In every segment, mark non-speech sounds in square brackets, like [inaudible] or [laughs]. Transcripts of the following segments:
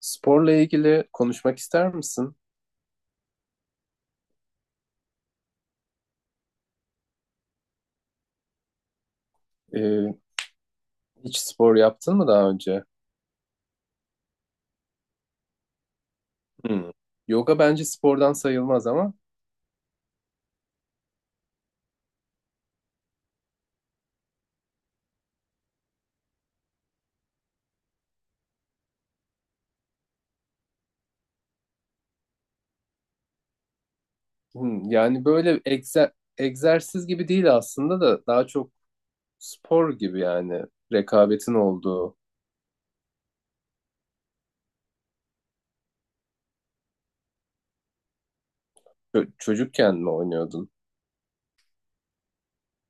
Sporla ilgili konuşmak ister misin? Ee, Hiç spor yaptın mı daha önce? Hmm. Yoga bence spordan sayılmaz ama hmm, yani böyle egzersiz gibi değil aslında da daha çok spor gibi yani rekabetin olduğu. Çocukken mi oynuyordun?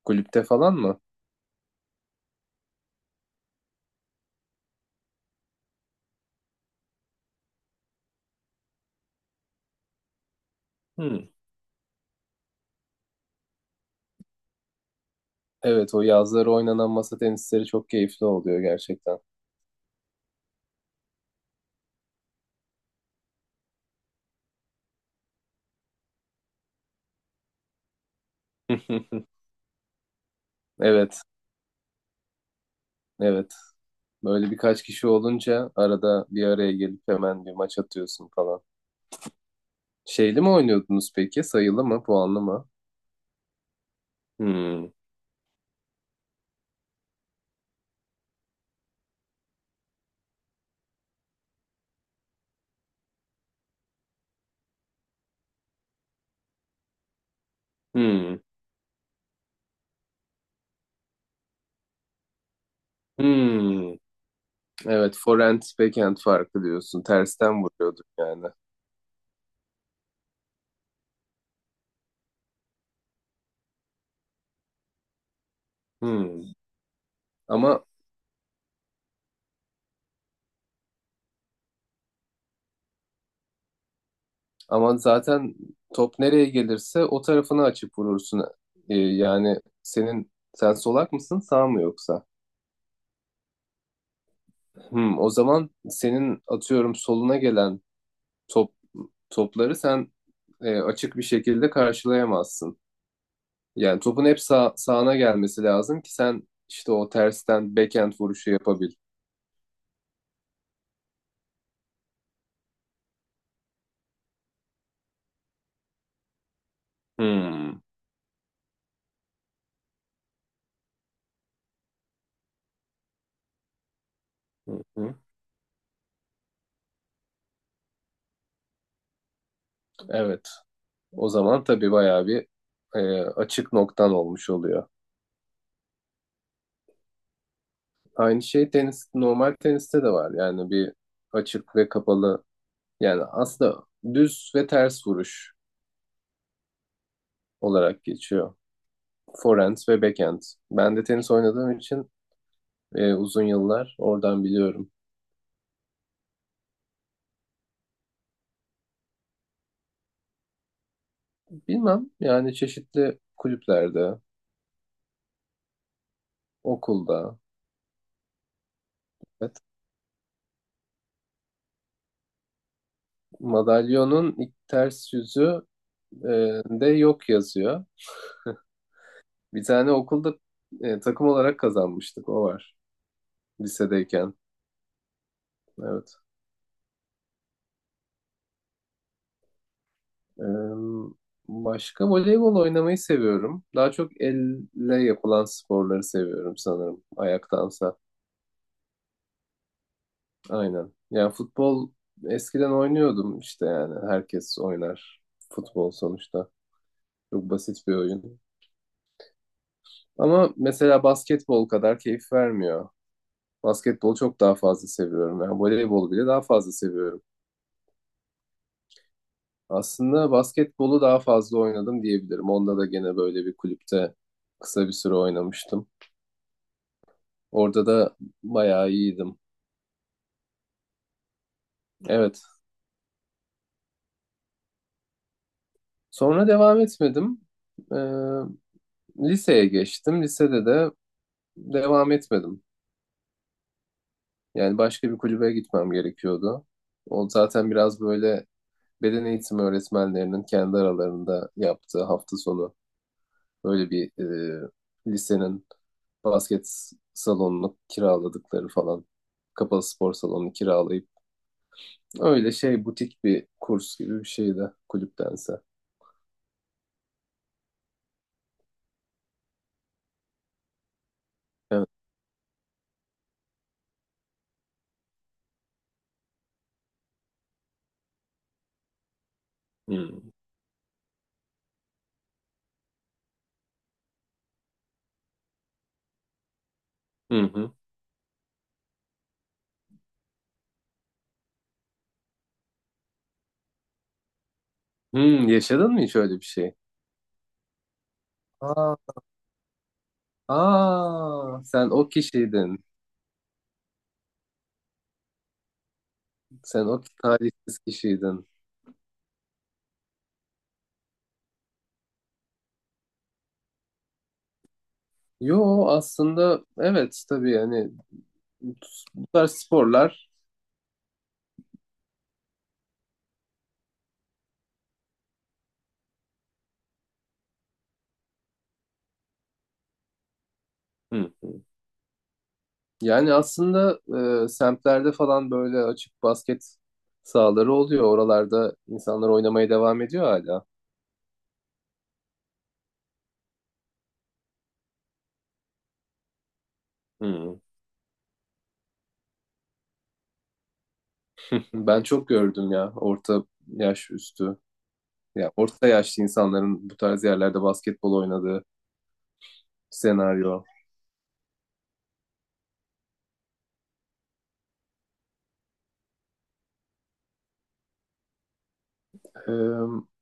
Kulüpte falan mı? Hmm. Evet, o yazları oynanan masa tenisleri çok keyifli oluyor gerçekten. [laughs] Evet, evet. Böyle birkaç kişi olunca arada bir araya gelip hemen bir maç atıyorsun falan. Şeyli mi oynuyordunuz peki? Sayılı mı? Puanlı mı? Hmm. Hmm. Hmm. Evet, forehand, backhand farkı diyorsun. Tersten vuruyorduk yani. Hmm. Ama ama zaten top nereye gelirse o tarafını açıp vurursun. Yani sen solak mısın, sağ mı yoksa? Hmm. O zaman senin atıyorum soluna gelen top topları sen açık bir şekilde karşılayamazsın. Yani topun hep sağına gelmesi lazım ki sen işte o tersten backhand vuruşu yapabil. Hmm. Hı hı. Evet. O zaman tabii bayağı bir açık noktan olmuş oluyor. Aynı şey tenis, normal teniste de var. Yani bir açık ve kapalı yani aslında düz ve ters vuruş olarak geçiyor. Forehand ve backhand. Ben de tenis oynadığım için uzun yıllar oradan biliyorum. Bilmem yani çeşitli kulüplerde, okulda, evet. Madalyonun ilk ters yüzü e, de yok yazıyor. Bir tane okulda takım olarak kazanmıştık. O var. Lisedeyken. Evet. E, Başka voleybol oynamayı seviyorum. Daha çok elle yapılan sporları seviyorum sanırım. Ayaktansa. Aynen. Yani futbol eskiden oynuyordum işte yani. Herkes oynar. Futbol sonuçta. Çok basit bir oyun. Ama mesela basketbol kadar keyif vermiyor. Basketbolu çok daha fazla seviyorum. Yani voleybolu bile daha fazla seviyorum. Aslında basketbolu daha fazla oynadım diyebilirim. Onda da gene böyle bir kulüpte kısa bir süre oynamıştım. Orada da bayağı iyiydim. Evet. Sonra devam etmedim. Ee, Liseye geçtim. Lisede de devam etmedim. Yani başka bir kulübe gitmem gerekiyordu. O zaten biraz böyle beden eğitimi öğretmenlerinin kendi aralarında yaptığı hafta sonu öyle bir lisenin basket salonunu kiraladıkları falan. Kapalı spor salonunu kiralayıp öyle şey butik bir kurs gibi bir şeydi kulüptense. Evet. Hmm. Hı hı. Hmm, yaşadın mı hiç öyle bir şey? Aa, aa, sen o kişiydin. Sen o talihsiz kişiydin. Yo aslında evet tabii yani bu tarz sporlar. Hı. Yani aslında semtlerde falan böyle açık basket sahaları oluyor. Oralarda insanlar oynamaya devam ediyor hala. Hmm. Ben çok gördüm ya orta yaş üstü. Ya orta yaşlı insanların bu tarz yerlerde basketbol oynadığı senaryo. Ee,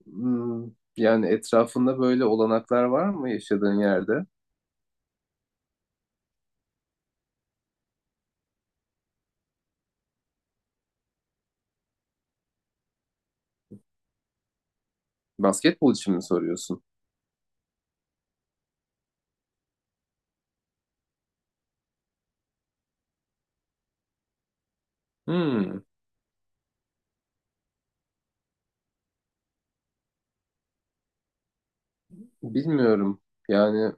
hmm, Yani etrafında böyle olanaklar var mı yaşadığın yerde? Basketbol için mi soruyorsun? Hmm. Bilmiyorum. Yani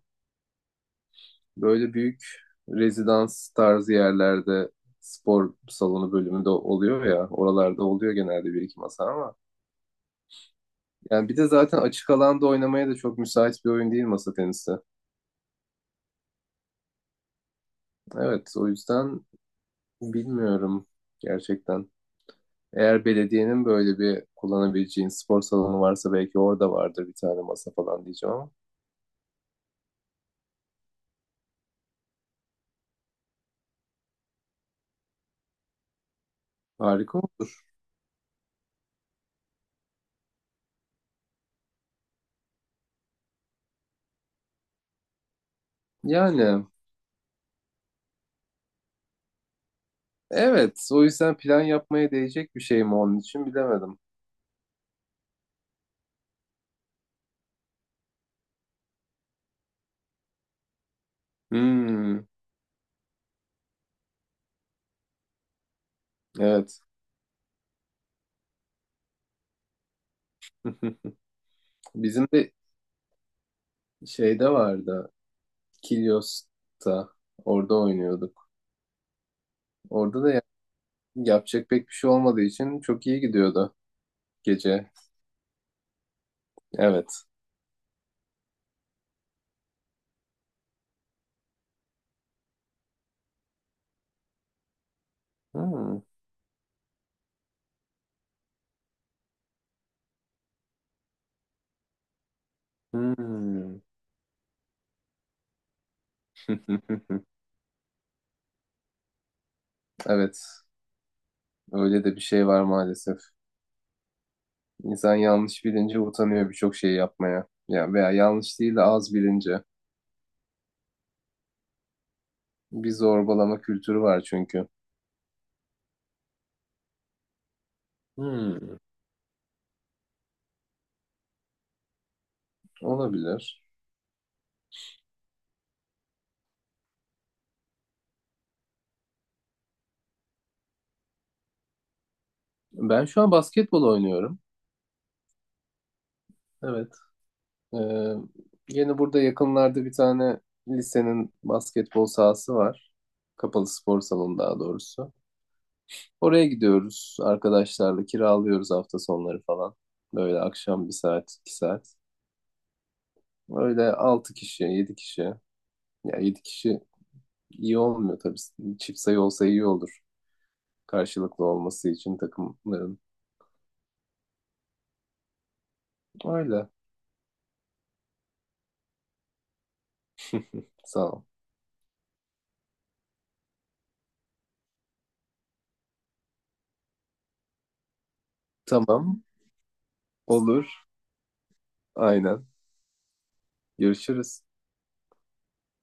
böyle büyük rezidans tarzı yerlerde spor salonu bölümünde oluyor ya. Oralarda oluyor genelde bir iki masa ama. Yani bir de zaten açık alanda oynamaya da çok müsait bir oyun değil masa tenisi. Evet, o yüzden bilmiyorum gerçekten. Eğer belediyenin böyle bir kullanabileceğin spor salonu varsa belki orada vardır bir tane masa falan diyeceğim ama. Harika, olur. Yani evet, o yüzden plan yapmaya değecek bir şey mi onun için bilemedim. Hmm, evet. [laughs] Bizim de şeyde vardı. Kilyos'ta. Orada oynuyorduk. Orada da yapacak pek bir şey olmadığı için çok iyi gidiyordu gece. Evet. Hmm. Hmm. [laughs] Evet. Öyle de bir şey var maalesef. İnsan yanlış bilince utanıyor birçok şeyi yapmaya. Ya veya yanlış değil de az bilince. Bir zorbalama kültürü var çünkü. Hmm. Olabilir. Ben şu an basketbol oynuyorum. Evet. Ee, Yeni burada yakınlarda bir tane lisenin basketbol sahası var. Kapalı spor salonu daha doğrusu. Oraya gidiyoruz arkadaşlarla, kiralıyoruz hafta sonları falan. Böyle akşam bir saat, iki saat. Öyle altı kişi, yedi kişi. Ya yedi kişi iyi olmuyor tabii. Çift sayı olsa iyi olur. Karşılıklı olması için takımların. Öyle. Sağ ol. Tamam. Olur. Aynen. Görüşürüz.